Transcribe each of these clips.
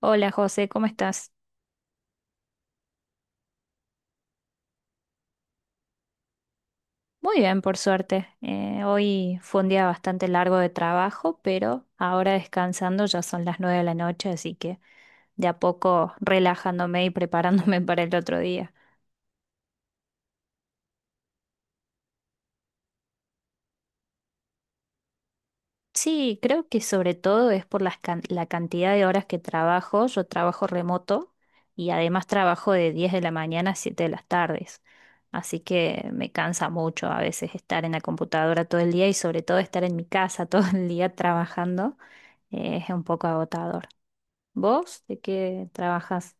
Hola José, ¿cómo estás? Muy bien, por suerte. Hoy fue un día bastante largo de trabajo, pero ahora descansando ya son las 9 de la noche, así que de a poco relajándome y preparándome para el otro día. Sí, creo que sobre todo es por las la cantidad de horas que trabajo. Yo trabajo remoto y además trabajo de 10 de la mañana a 7 de las tardes. Así que me cansa mucho a veces estar en la computadora todo el día y sobre todo estar en mi casa todo el día trabajando. Es un poco agotador. ¿Vos de qué trabajas?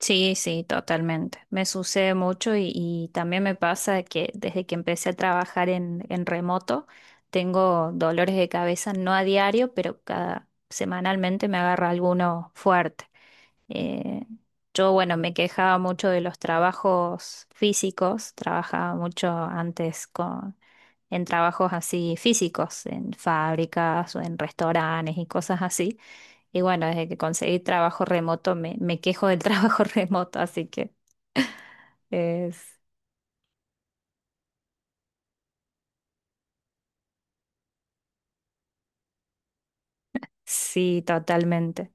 Sí, sí, totalmente. Me sucede mucho y también me pasa que desde que empecé a trabajar en remoto, tengo dolores de cabeza, no a diario, pero cada semanalmente me agarra alguno fuerte. Eh, bueno, me quejaba mucho de los trabajos físicos, trabajaba mucho en trabajos así físicos, en fábricas o en restaurantes y cosas así. Y bueno, desde que conseguí trabajo remoto, me quejo del trabajo remoto, así que es, sí, totalmente,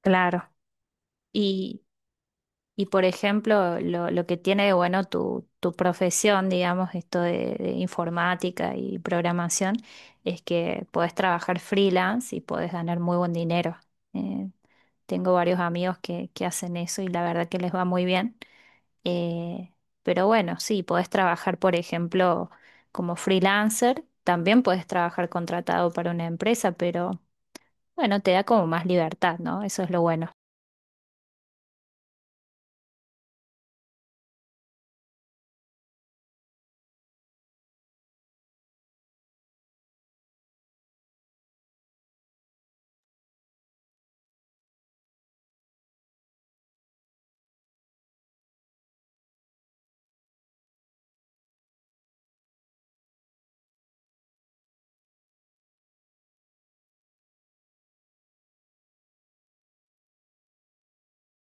claro. Y, y por ejemplo, lo que tiene de bueno tu profesión, digamos, esto de informática y programación, es que podés trabajar freelance y podés ganar muy buen dinero. Eh, tengo varios amigos que hacen eso y la verdad que les va muy bien. Eh, pero bueno, sí, podés trabajar, por ejemplo, como freelancer, también podés trabajar contratado para una empresa, pero bueno, te da como más libertad, ¿no? Eso es lo bueno.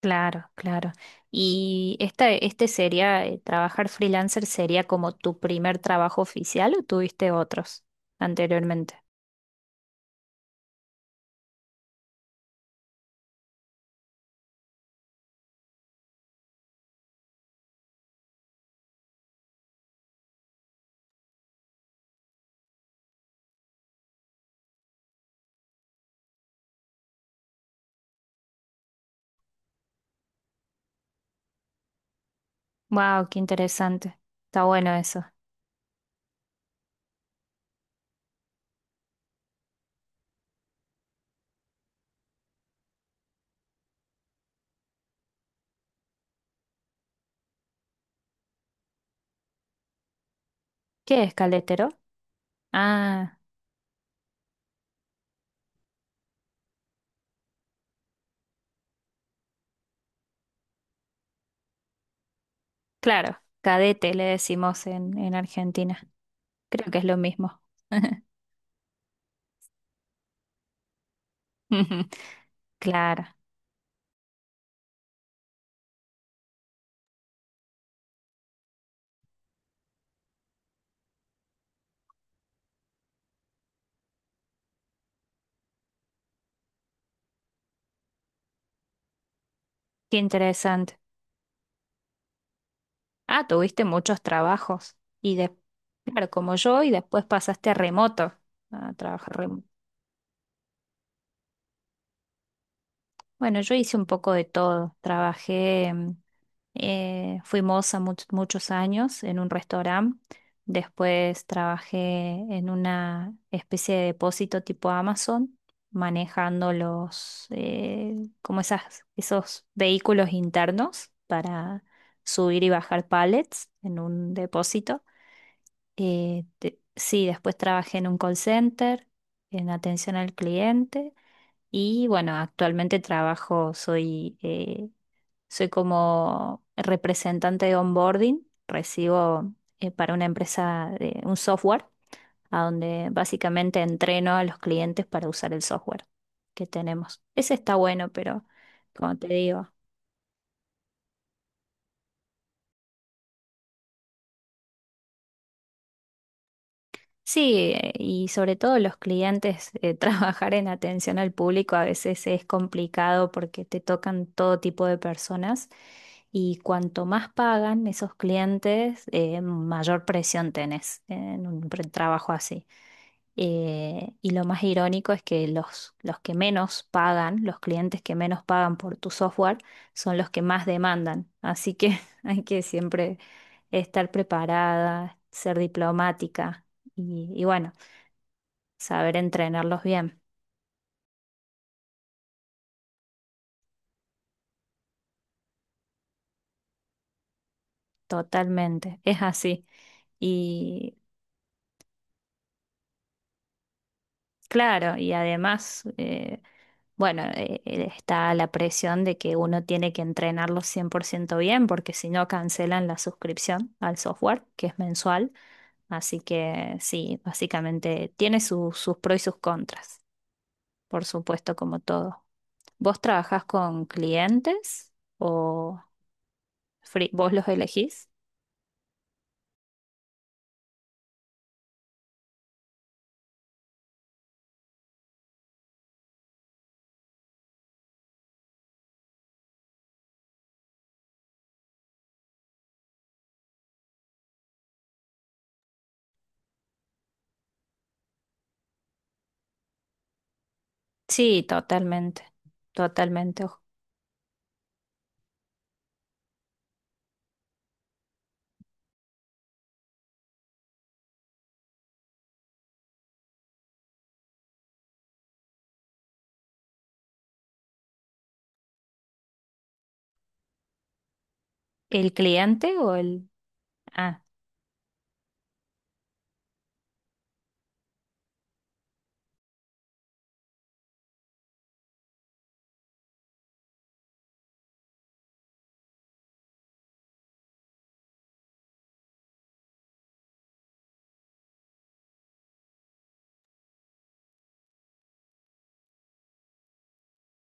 Claro, claro. ¿Y este sería, trabajar freelancer sería como tu primer trabajo oficial o tuviste otros anteriormente? Wow, qué interesante. Está bueno eso. ¿Qué es cadetero? Ah, claro, cadete le decimos en Argentina. Creo que es lo mismo. Claro, qué interesante. Ah, tuviste muchos trabajos y claro, como yo, y después pasaste a remoto, a trabajar remoto. Bueno, yo hice un poco de todo. Trabajé, fui moza muchos años en un restaurante. Después trabajé en una especie de depósito tipo Amazon, manejando los, como esos vehículos internos para subir y bajar pallets en un depósito. Sí, después trabajé en un call center, en atención al cliente. Y bueno, actualmente trabajo, soy soy como representante de onboarding, recibo para una empresa de un software a donde básicamente entreno a los clientes para usar el software que tenemos. Ese está bueno, pero como te digo. Sí, y sobre todo los clientes, trabajar en atención al público a veces es complicado porque te tocan todo tipo de personas y cuanto más pagan esos clientes, mayor presión tenés en un trabajo así. Y lo más irónico es que los que menos pagan, los clientes que menos pagan por tu software, son los que más demandan. Así que hay que siempre estar preparada, ser diplomática y bueno, saber entrenarlos bien. Totalmente, es así. Y claro, y además, bueno, está la presión de que uno tiene que entrenarlo 100% bien, porque si no cancelan la suscripción al software, que es mensual. Así que sí, básicamente tiene sus pros y sus contras, por supuesto, como todo. ¿Vos trabajás con clientes o vos los elegís? Sí, totalmente, totalmente. Ojo. ¿El cliente o el... Ah,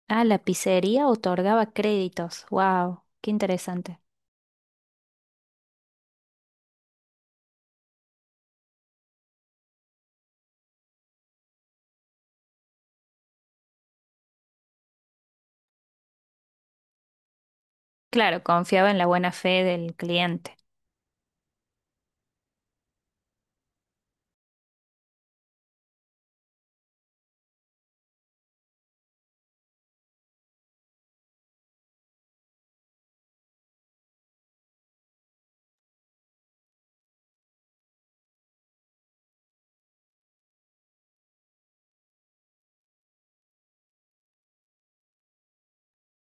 ah, la pizzería otorgaba créditos. Wow, qué interesante. Claro, confiaba en la buena fe del cliente.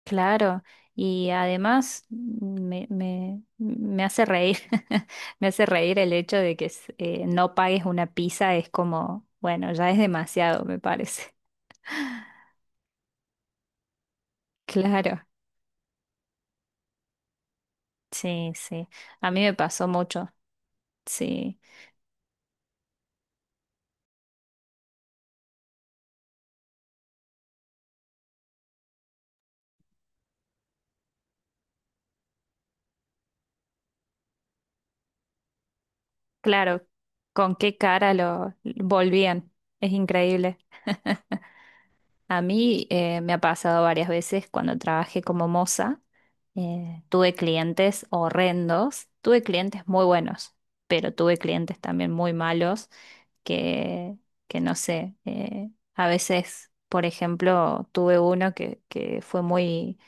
Claro, y además me hace reír, me hace reír el hecho de que no pagues una pizza, es como, bueno, ya es demasiado, me parece. Claro, sí, sí, a mí me pasó mucho, sí, claro, con qué cara lo volvían, es increíble. A mí me ha pasado varias veces cuando trabajé como moza. Tuve clientes horrendos, tuve clientes muy buenos, pero tuve clientes también muy malos que, que no sé, a veces, por ejemplo, tuve uno que fue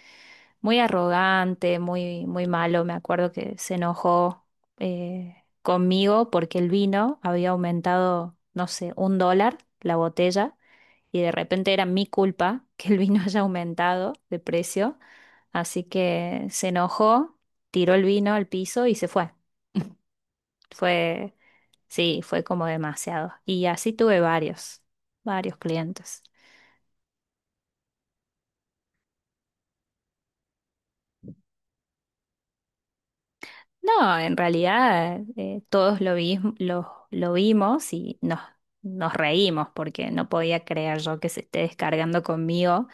muy arrogante, muy malo, me acuerdo que se enojó eh, conmigo porque el vino había aumentado, no sé, un dólar la botella y de repente era mi culpa que el vino haya aumentado de precio, así que se enojó, tiró el vino al piso y se fue. Fue, sí, fue como demasiado. Y así tuve varios, varios clientes. No, en realidad todos lo vimos y nos reímos porque no podía creer yo que se esté descargando conmigo.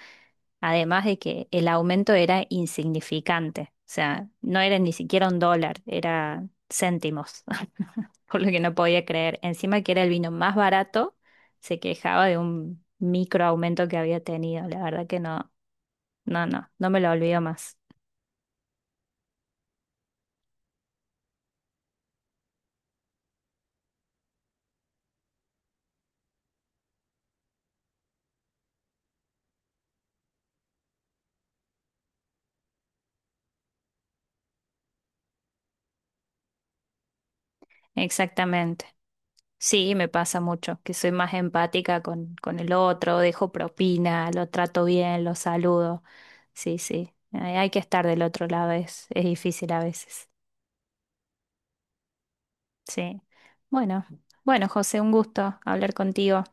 Además de que el aumento era insignificante, o sea, no era ni siquiera un dólar, era céntimos, por lo que no podía creer. Encima que era el vino más barato, se quejaba de un micro aumento que había tenido. La verdad que no, no, no me lo olvido más. Exactamente. Sí, me pasa mucho, que soy más empática con el otro, dejo propina, lo trato bien, lo saludo. Sí, sí, hay que estar del otro lado, es difícil a veces. Sí. Bueno, bueno, José, un gusto hablar contigo.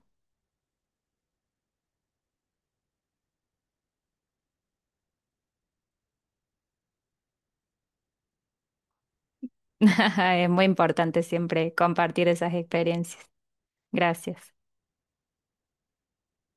Es muy importante siempre compartir esas experiencias. Gracias.